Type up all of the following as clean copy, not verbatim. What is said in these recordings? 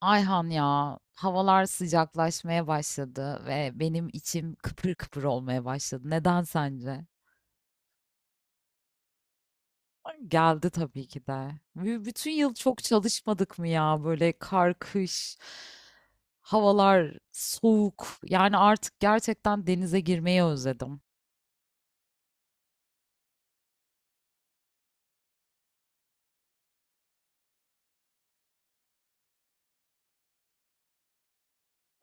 Ayhan ya, havalar sıcaklaşmaya başladı ve benim içim kıpır kıpır olmaya başladı. Neden sence? Ay, geldi tabii ki de. Bütün yıl çok çalışmadık mı ya? Böyle kar, kış, havalar soğuk. Yani artık gerçekten denize girmeyi özledim.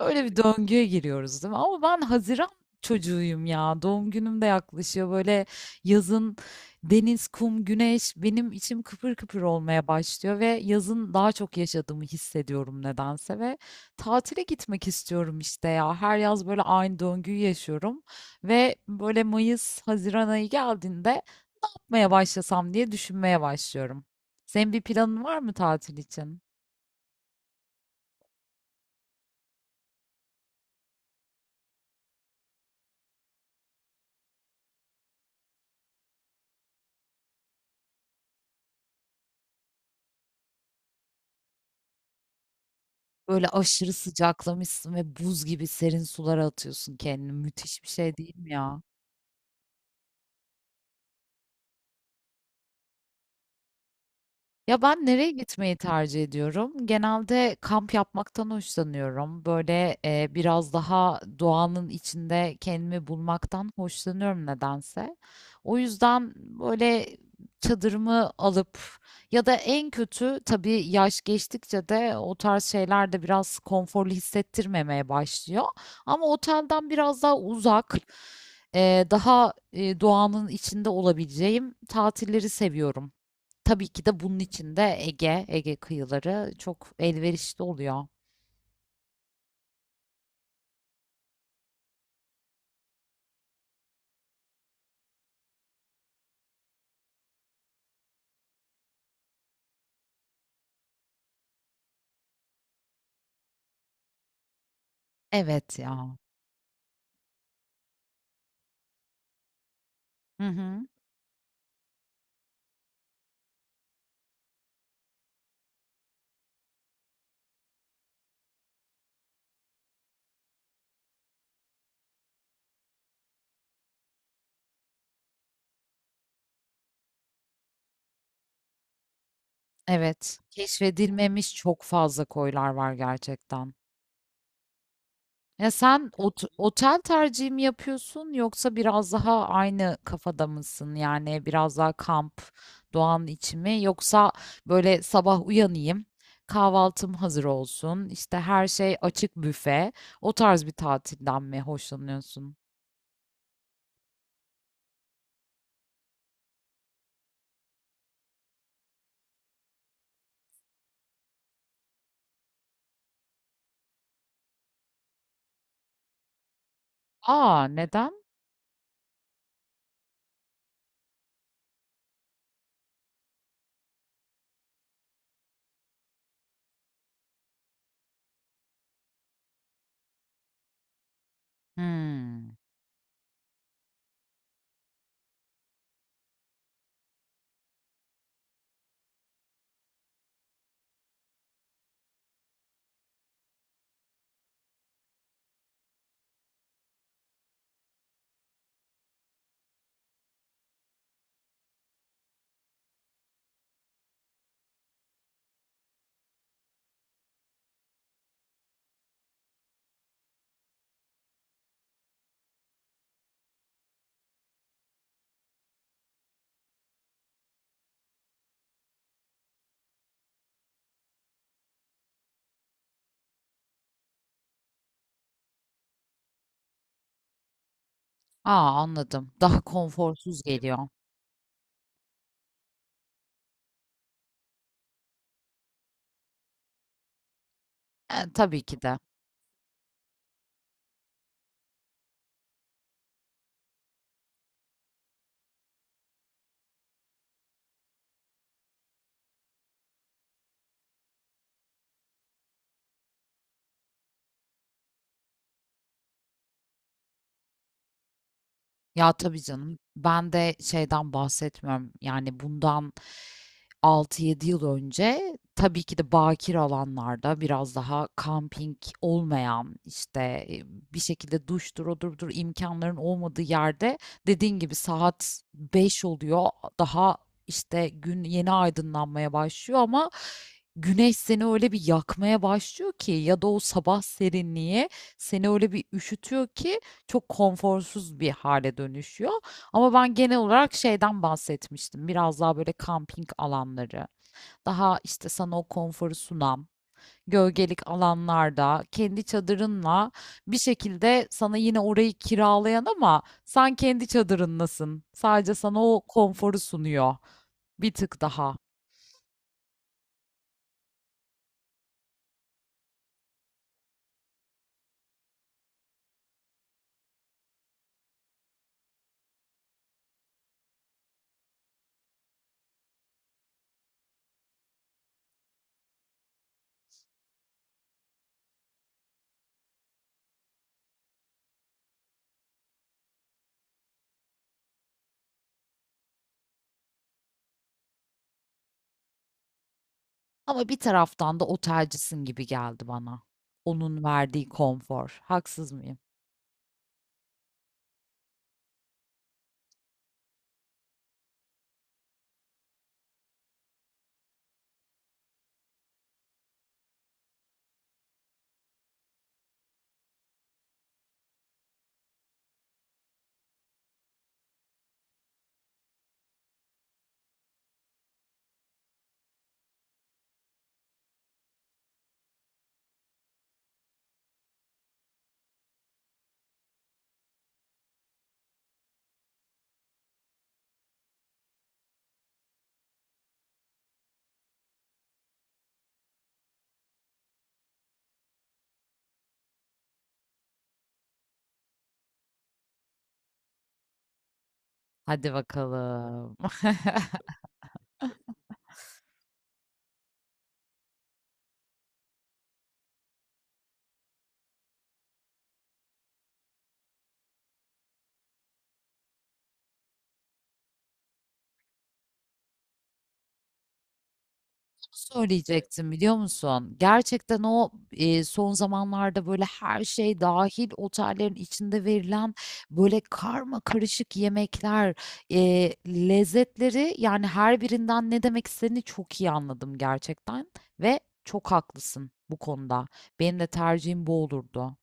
Öyle bir döngüye giriyoruz değil mi? Ama ben Haziran çocuğuyum ya. Doğum günüm de yaklaşıyor. Böyle yazın deniz, kum, güneş benim içim kıpır kıpır olmaya başlıyor ve yazın daha çok yaşadığımı hissediyorum nedense ve tatile gitmek istiyorum işte ya. Her yaz böyle aynı döngüyü yaşıyorum ve böyle Mayıs, Haziran ayı geldiğinde yapmaya başlasam diye düşünmeye başlıyorum. Senin bir planın var mı tatil için? Böyle aşırı sıcaklamışsın ve buz gibi serin sulara atıyorsun kendini. Müthiş bir şey değil mi ya? Ya ben nereye gitmeyi tercih ediyorum? Genelde kamp yapmaktan hoşlanıyorum. Böyle biraz daha doğanın içinde kendimi bulmaktan hoşlanıyorum nedense. O yüzden böyle çadırımı alıp ya da en kötü tabii yaş geçtikçe de o tarz şeyler de biraz konforlu hissettirmemeye başlıyor. Ama otelden biraz daha uzak, daha doğanın içinde olabileceğim tatilleri seviyorum. Tabii ki de bunun içinde Ege, Ege kıyıları çok elverişli oluyor. Evet ya. Hı hı. Evet. Keşfedilmemiş çok fazla koylar var gerçekten. Ya sen otel tercihi mi yapıyorsun yoksa biraz daha aynı kafada mısın? Yani biraz daha kamp, doğanın içi mi? Yoksa böyle sabah uyanayım, kahvaltım hazır olsun, işte her şey açık büfe, o tarz bir tatilden mi hoşlanıyorsun? Aa neden? Hmm. Aa anladım. Daha konforsuz geliyor. E, tabii ki de. Ya tabii canım. Ben de şeyden bahsetmiyorum. Yani bundan altı yedi yıl önce tabii ki de bakir alanlarda biraz daha kamping olmayan işte e, bir şekilde duştur odurdur imkanların olmadığı yerde dediğin gibi saat 5 oluyor daha işte gün yeni aydınlanmaya başlıyor ama güneş seni öyle bir yakmaya başlıyor ki ya da o sabah serinliği seni öyle bir üşütüyor ki çok konforsuz bir hale dönüşüyor. Ama ben genel olarak şeyden bahsetmiştim. Biraz daha böyle kamping alanları, daha işte sana o konforu sunan, gölgelik alanlarda kendi çadırınla bir şekilde sana yine orayı kiralayan ama sen kendi çadırınlasın. Sadece sana o konforu sunuyor bir tık daha. Ama bir taraftan da otelcisin gibi geldi bana. Onun verdiği konfor. Haksız mıyım? Hadi bakalım. Söyleyecektim biliyor musun? Gerçekten o son zamanlarda böyle her şey dahil otellerin içinde verilen böyle karma karışık yemekler, lezzetleri yani her birinden ne demek istediğini çok iyi anladım gerçekten ve çok haklısın bu konuda. Benim de tercihim bu olurdu.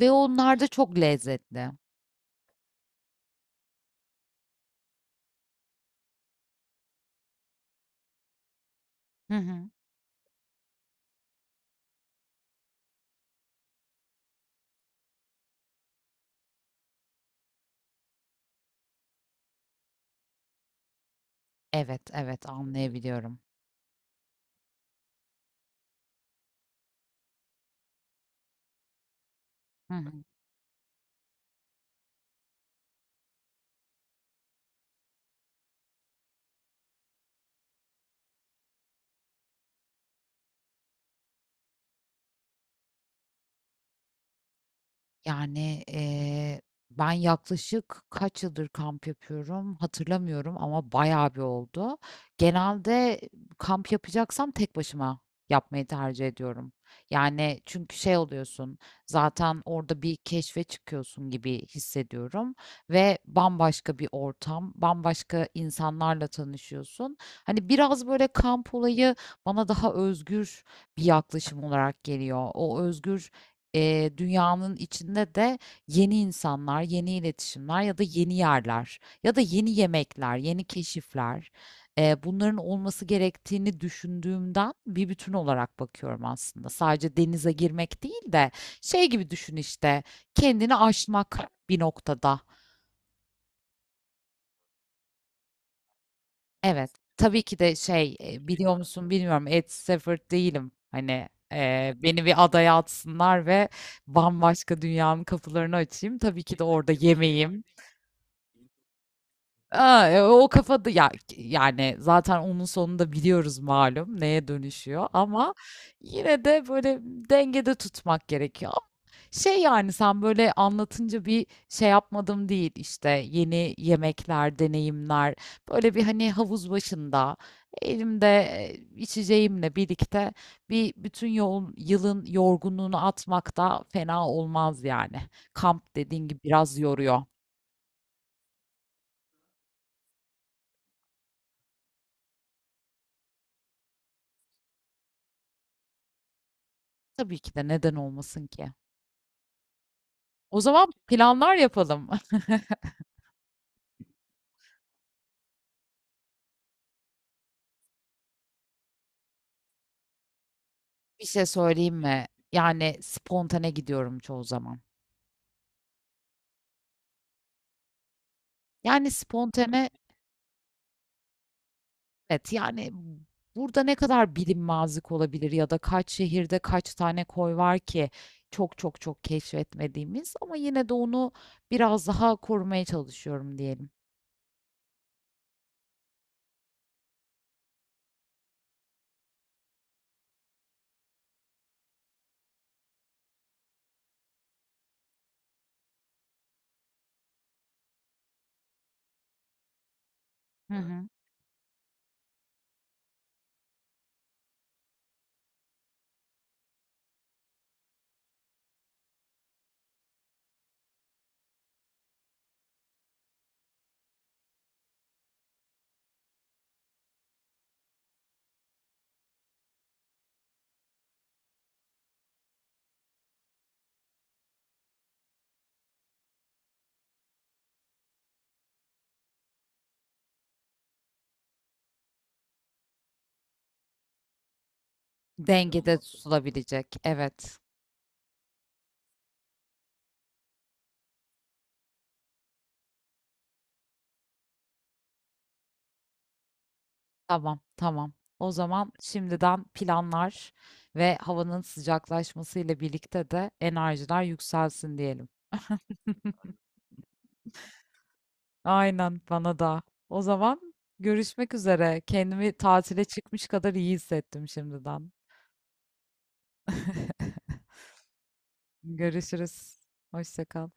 Ve onlar da çok lezzetli. Hı hı. Evet, evet anlayabiliyorum. Hı hı. Yani, ben yaklaşık kaç yıldır kamp yapıyorum hatırlamıyorum ama bayağı bir oldu. Genelde kamp yapacaksam tek başıma yapmayı tercih ediyorum. Yani çünkü şey oluyorsun, zaten orada bir keşfe çıkıyorsun gibi hissediyorum ve bambaşka bir ortam, bambaşka insanlarla tanışıyorsun. Hani biraz böyle kamp olayı bana daha özgür bir yaklaşım olarak geliyor. O özgür dünyanın içinde de yeni insanlar, yeni iletişimler ya da yeni yerler ya da yeni yemekler, yeni keşifler bunların olması gerektiğini düşündüğümden bir bütün olarak bakıyorum aslında. Sadece denize girmek değil de şey gibi düşün işte kendini aşmak bir noktada. Evet. Tabii ki de şey, biliyor musun bilmiyorum, Ed Stafford değilim. Hani, beni bir adaya atsınlar ve bambaşka dünyanın kapılarını açayım. Tabii ki de orada yemeyim. O kafada ya, yani zaten onun sonunda biliyoruz malum neye dönüşüyor ama yine de böyle dengede tutmak gerekiyor. Şey yani sen böyle anlatınca bir şey yapmadım değil işte yeni yemekler, deneyimler böyle bir hani havuz başında elimde içeceğimle birlikte bir bütün yol, yılın yorgunluğunu atmak da fena olmaz yani. Kamp dediğin gibi biraz yoruyor. Tabii ki de neden olmasın ki? O zaman planlar yapalım. Bir şey söyleyeyim mi? Yani spontane gidiyorum çoğu zaman. Yani spontane evet yani burada ne kadar bilinmezlik olabilir ya da kaç şehirde kaç tane koy var ki çok çok çok keşfetmediğimiz ama yine de onu biraz daha korumaya çalışıyorum diyelim. Hı Evet. hı. Dengede tutulabilecek. Evet. Tamam, tamam. O zaman şimdiden planlar ve havanın sıcaklaşmasıyla birlikte de enerjiler yükselsin diyelim. Aynen bana da. O zaman görüşmek üzere. Kendimi tatile çıkmış kadar iyi hissettim şimdiden. Görüşürüz. Hoşça kal.